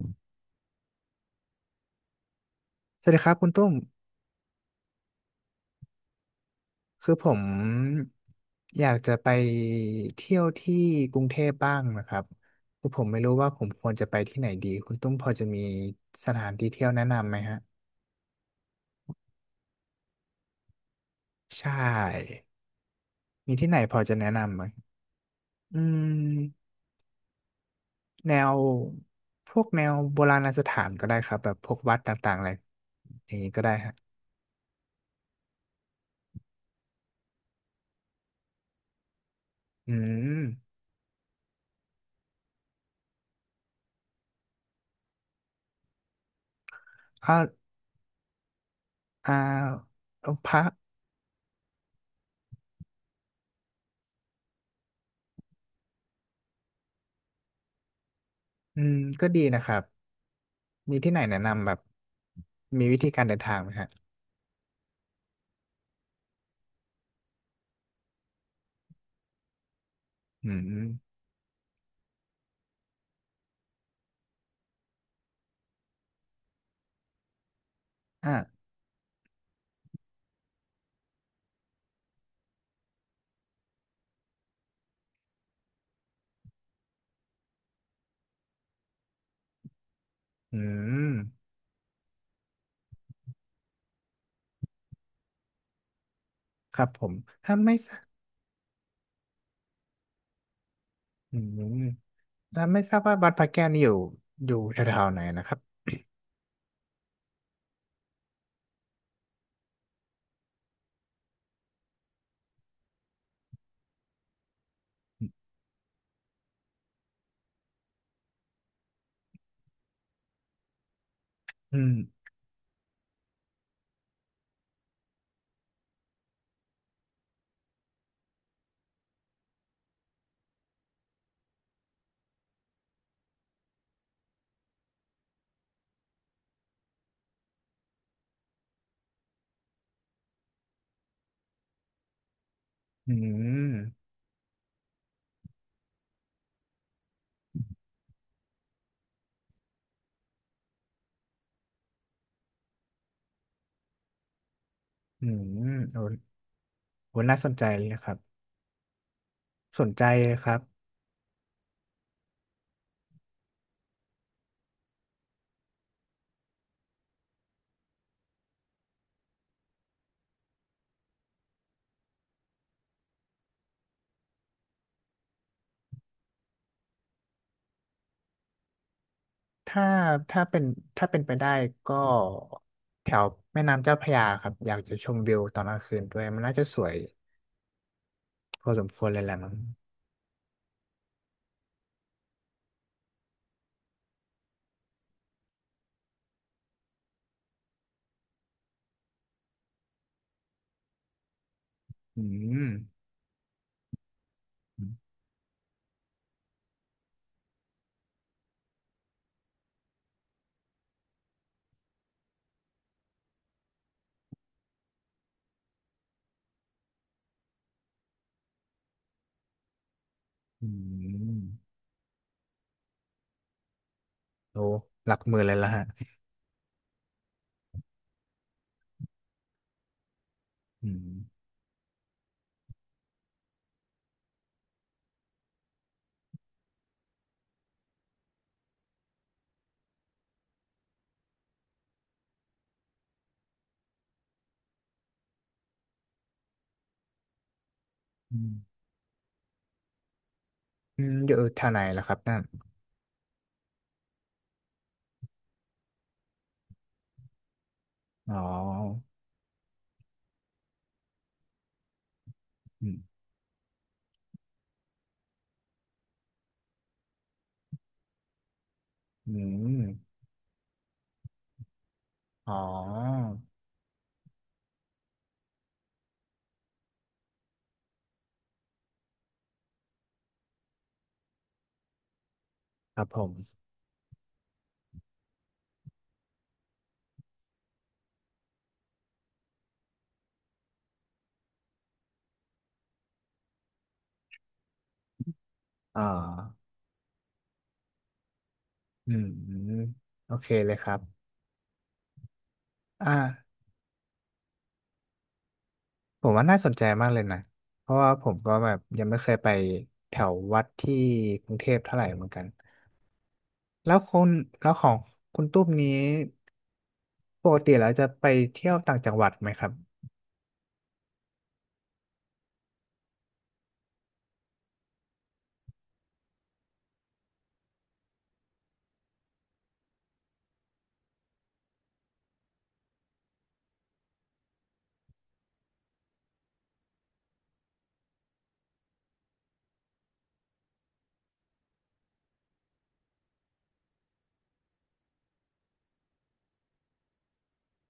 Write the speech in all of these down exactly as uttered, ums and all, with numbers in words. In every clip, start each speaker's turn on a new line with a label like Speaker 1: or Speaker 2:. Speaker 1: สวัสดีครับคุณตุ้มคือผมอยากจะไปเที่ยวที่กรุงเทพบ้างนะครับคือผมไม่รู้ว่าผมควรจะไปที่ไหนดีคุณตุ้มพอจะมีสถานที่เที่ยวแนะนำไหมฮะใช่มีที่ไหนพอจะแนะนำไหมอืมแนวพวกแนวโบราณสถานก็ได้ครับแบบพวกวัดต่างๆอะไรอย่างนี้ก็ได้ฮะอืมอ่าอ่าพระอืมก็ดีนะครับ มีที่ไหนแนะนำแบบมีวิธีการเดินทางไหมฮะอืมอ่ะอืมครับผมถ้าไม่ทราบอืมถ้าไม่ทราบว่าวัดพระแก้วนี่อยู่อยู่แถวๆไหนนะครับอืมอืมอืมโอ้โหน่าสนใจเลยครับ สนใจเลยครับ ถ้าถ้าเป็นถ้าเป็นไปได้ก็แถวแม่น้ำเจ้าพระยาครับอยากจะชมวิวตอนกลางคืนด้วยมันน่าจะสวยพอสมควรเลยแหละมั้งอืมอืม โอ้หลักหมื่นเลยละฮะอืมอืมอืมอยู่แถวไหนล่ะครับนั่นอ๋ออืมอืมอ๋อครับผมอ่าอืมอืมโอเคเลยครับอ่าผมว่าน่าสนใจมากเลยนะ เพราะว่าผมก็แบบยังไม่เคยไปแถววัดที่กรุงเทพเท่าไหร่เหมือนกัน แล้วคุณแล้วของคุณตุ้มนี้ปกติแล้วจะไปเที่ยวต่างจังหวัดไหมครับ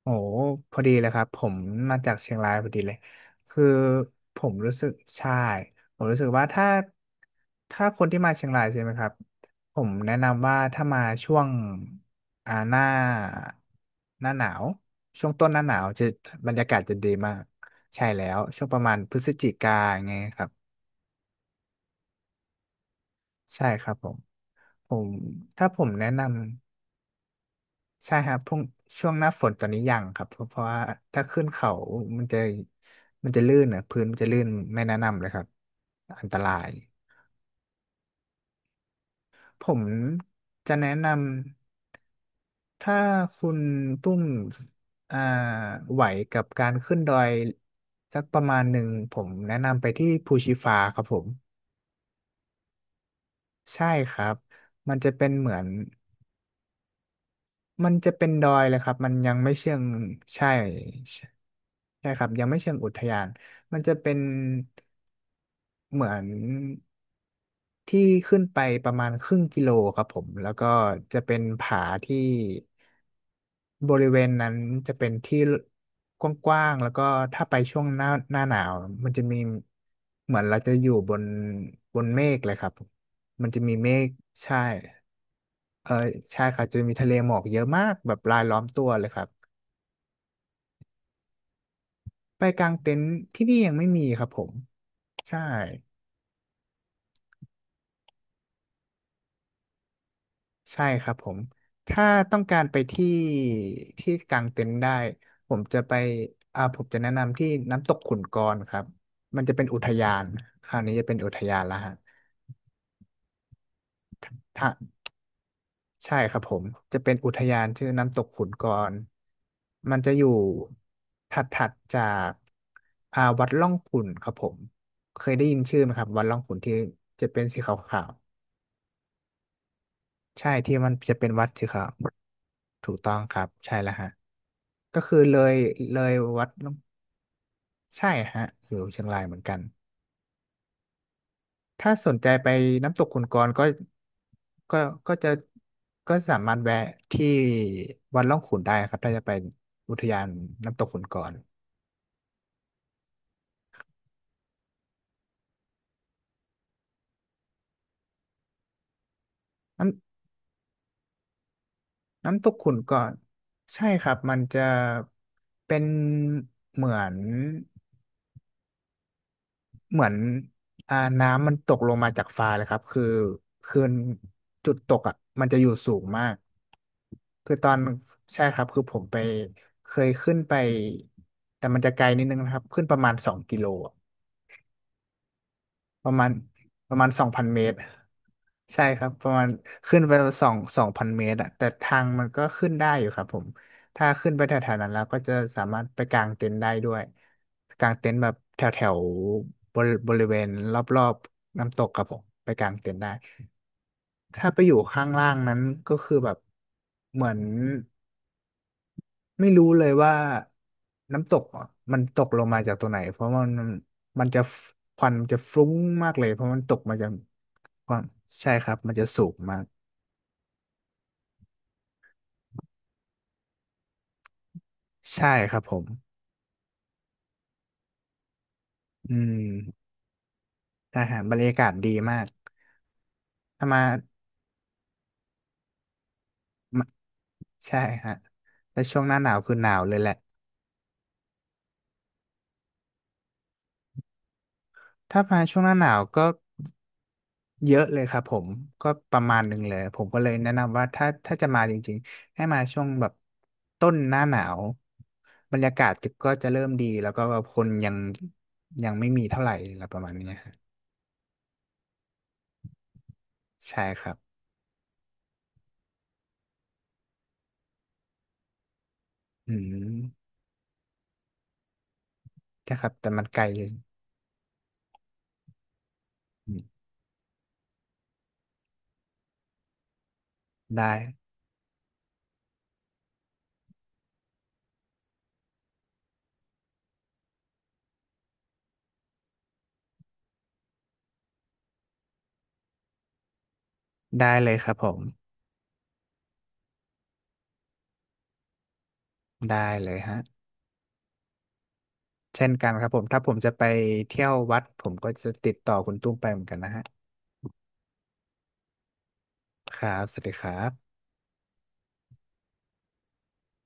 Speaker 1: โอ้พอดีเลยครับผมมาจากเชียงรายพอดีเลยคือผมรู้สึกใช่ผมรู้สึกว่าถ้าถ้าคนที่มาเชียงรายใช่ไหมครับผมแนะนำว่าถ้ามาช่วงอ่าหน้าหน้าหนาวช่วงต้นหน้าหนาวจะบรรยากาศจะดีมากใช่แล้วช่วงประมาณพฤศจิกาไงเงี้ยครับใช่ครับผมผมถ้าผมแนะนำ ใช่ครับพรุ่งช่วงหน้าฝนตอนนี้ยังครับ เพราะเพราะว่าถ้าขึ้นเขามันจะมันจะลื่นอ่ะพื้นมันจะลื่นไม่แนะนำเลยครับ อันตราย ผมจะแนะนำ ถ้าคุณตุ้มอ่าไหวกับการขึ้นดอยสักประมาณหนึ่งผมแนะนำไปที่ภูชีฟ้าครับผม ใช่ครับ มันจะเป็นเหมือน มันจะเป็นดอยเลยครับ มันยังไม่เชิงใช่ใช่ใช่ครับยังไม่เชิงอุทยานมันจะเป็นเหมือนที่ขึ้นไปประมาณครึ่งกิโลครับผม แล้วก็จะเป็นผาที่บริเวณนั้นจะเป็นที่กว้างๆแล้วก็ถ้าไปช่วงหน้าหน้าหนาวมันจะมีเหมือนเราจะอยู่บนบนเมฆเลยครับมันจะมีเมฆใช่ เออใช่ครับจะมีทะเลหมอกเยอะมากแบบรายล้อมตัวเลยครับไปกางเต็นท์ที่นี่ยังไม่มีครับผมใช่ใช่ครับผมถ้าต้องการไปที่ที่กางเต็นท์ได้ผมจะไปอ่าผมจะแนะนำที่น้ำตกขุนกรครับมันจะเป็นอุทยานคราวนี้จะเป็นอุทยานละฮะ ใช่ครับผมจะเป็นอุทยานชื่อน้ำตกขุนกรมันจะอยู่ถัดถัดจากอ่าวัดร่องขุ่นครับผมเคยได้ยินชื่อไหมครับวัดร่องขุ่นที่จะเป็นสีขาวๆใช่ที่มันจะเป็นวัดสีขาวถูกต้องครับใช่แล้วฮะก็คือเลยเลยวัดร่องใช่ฮะอยู่เชียงรายเหมือนกัน ถ้าสนใจไปน้ำตกขุนกรก็ก็ก็จะก็สามารถแวะที่วัดร่องขุนได้นะครับถ้าจะไปอุทยานน้ำตกขุนกรน้ำน้ำตกขุนกรใช่ครับมันจะเป็นเหมือน เหมือนอ่าน้ำมันตกลงมาจากฟ้าเลยครับคือคือจุดตกอ่ะมันจะอยู่สูงมากคือตอนใช่ครับคือผมไปเคยขึ้นไปแต่มันจะไกลนิดนึงนะครับขึ้นประมาณสองกิโลอะประมาณประมาณสองพันเมตร ใช่ครับประมาณขึ้นไปสองสองพันเมตรอะแต่ทางมันก็ขึ้นได้อยู่ครับผมถ้าขึ้นไปแถวๆนั้นแล้วก็จะสามารถไปกางเต็นท์ได้ด้วยกางเต็นท์แบบแถวแถวบริบริเวณรอบๆน้ำตกครับผมไปกางเต็นท์ได้ถ้าไปอยู่ข้างล่างนั้นก็คือแบบเหมือนไม่รู้เลยว่าน้ำตกอะมันตกลงมาจากตัวไหนเพราะมันมันจะฟควันมันจะฟุ้งมากเลยเพราะมันตกมาจากความใช่ครับมันจะสูงมาก ใช่ครับผมอืมอาหารบรรยากาศดีมากถ้ามามาใช่ฮะแต่ช่วงหน้าหนาวคือหนาวเลยแหละถ้ามาช่วงหน้าหนาวก็เยอะเลยครับผม ก็ประมาณหนึ่งเลยผมก็เลยแนะนำว่าถ้าถ้าจะมาจริงๆ ให้มาช่วงแบบต้นหน้าหนาวบรรยากาศจะก็จะเริ่มดีแล้วก็แบบคนยังยังไม่มีเท่าไหร่อะไรประมาณเนี้ยฮะใช่ครับอืมใช่ครับแต่มันไกลเลยอืมได้ ได้เลยครับผมได้เลยฮะ เช่นกันครับผมถ้าผมจะไปเที่ยววัดผมก็จะติดต่อคุณตุ้มไปเหมือนกันนะฮะครับสวัสดีครับ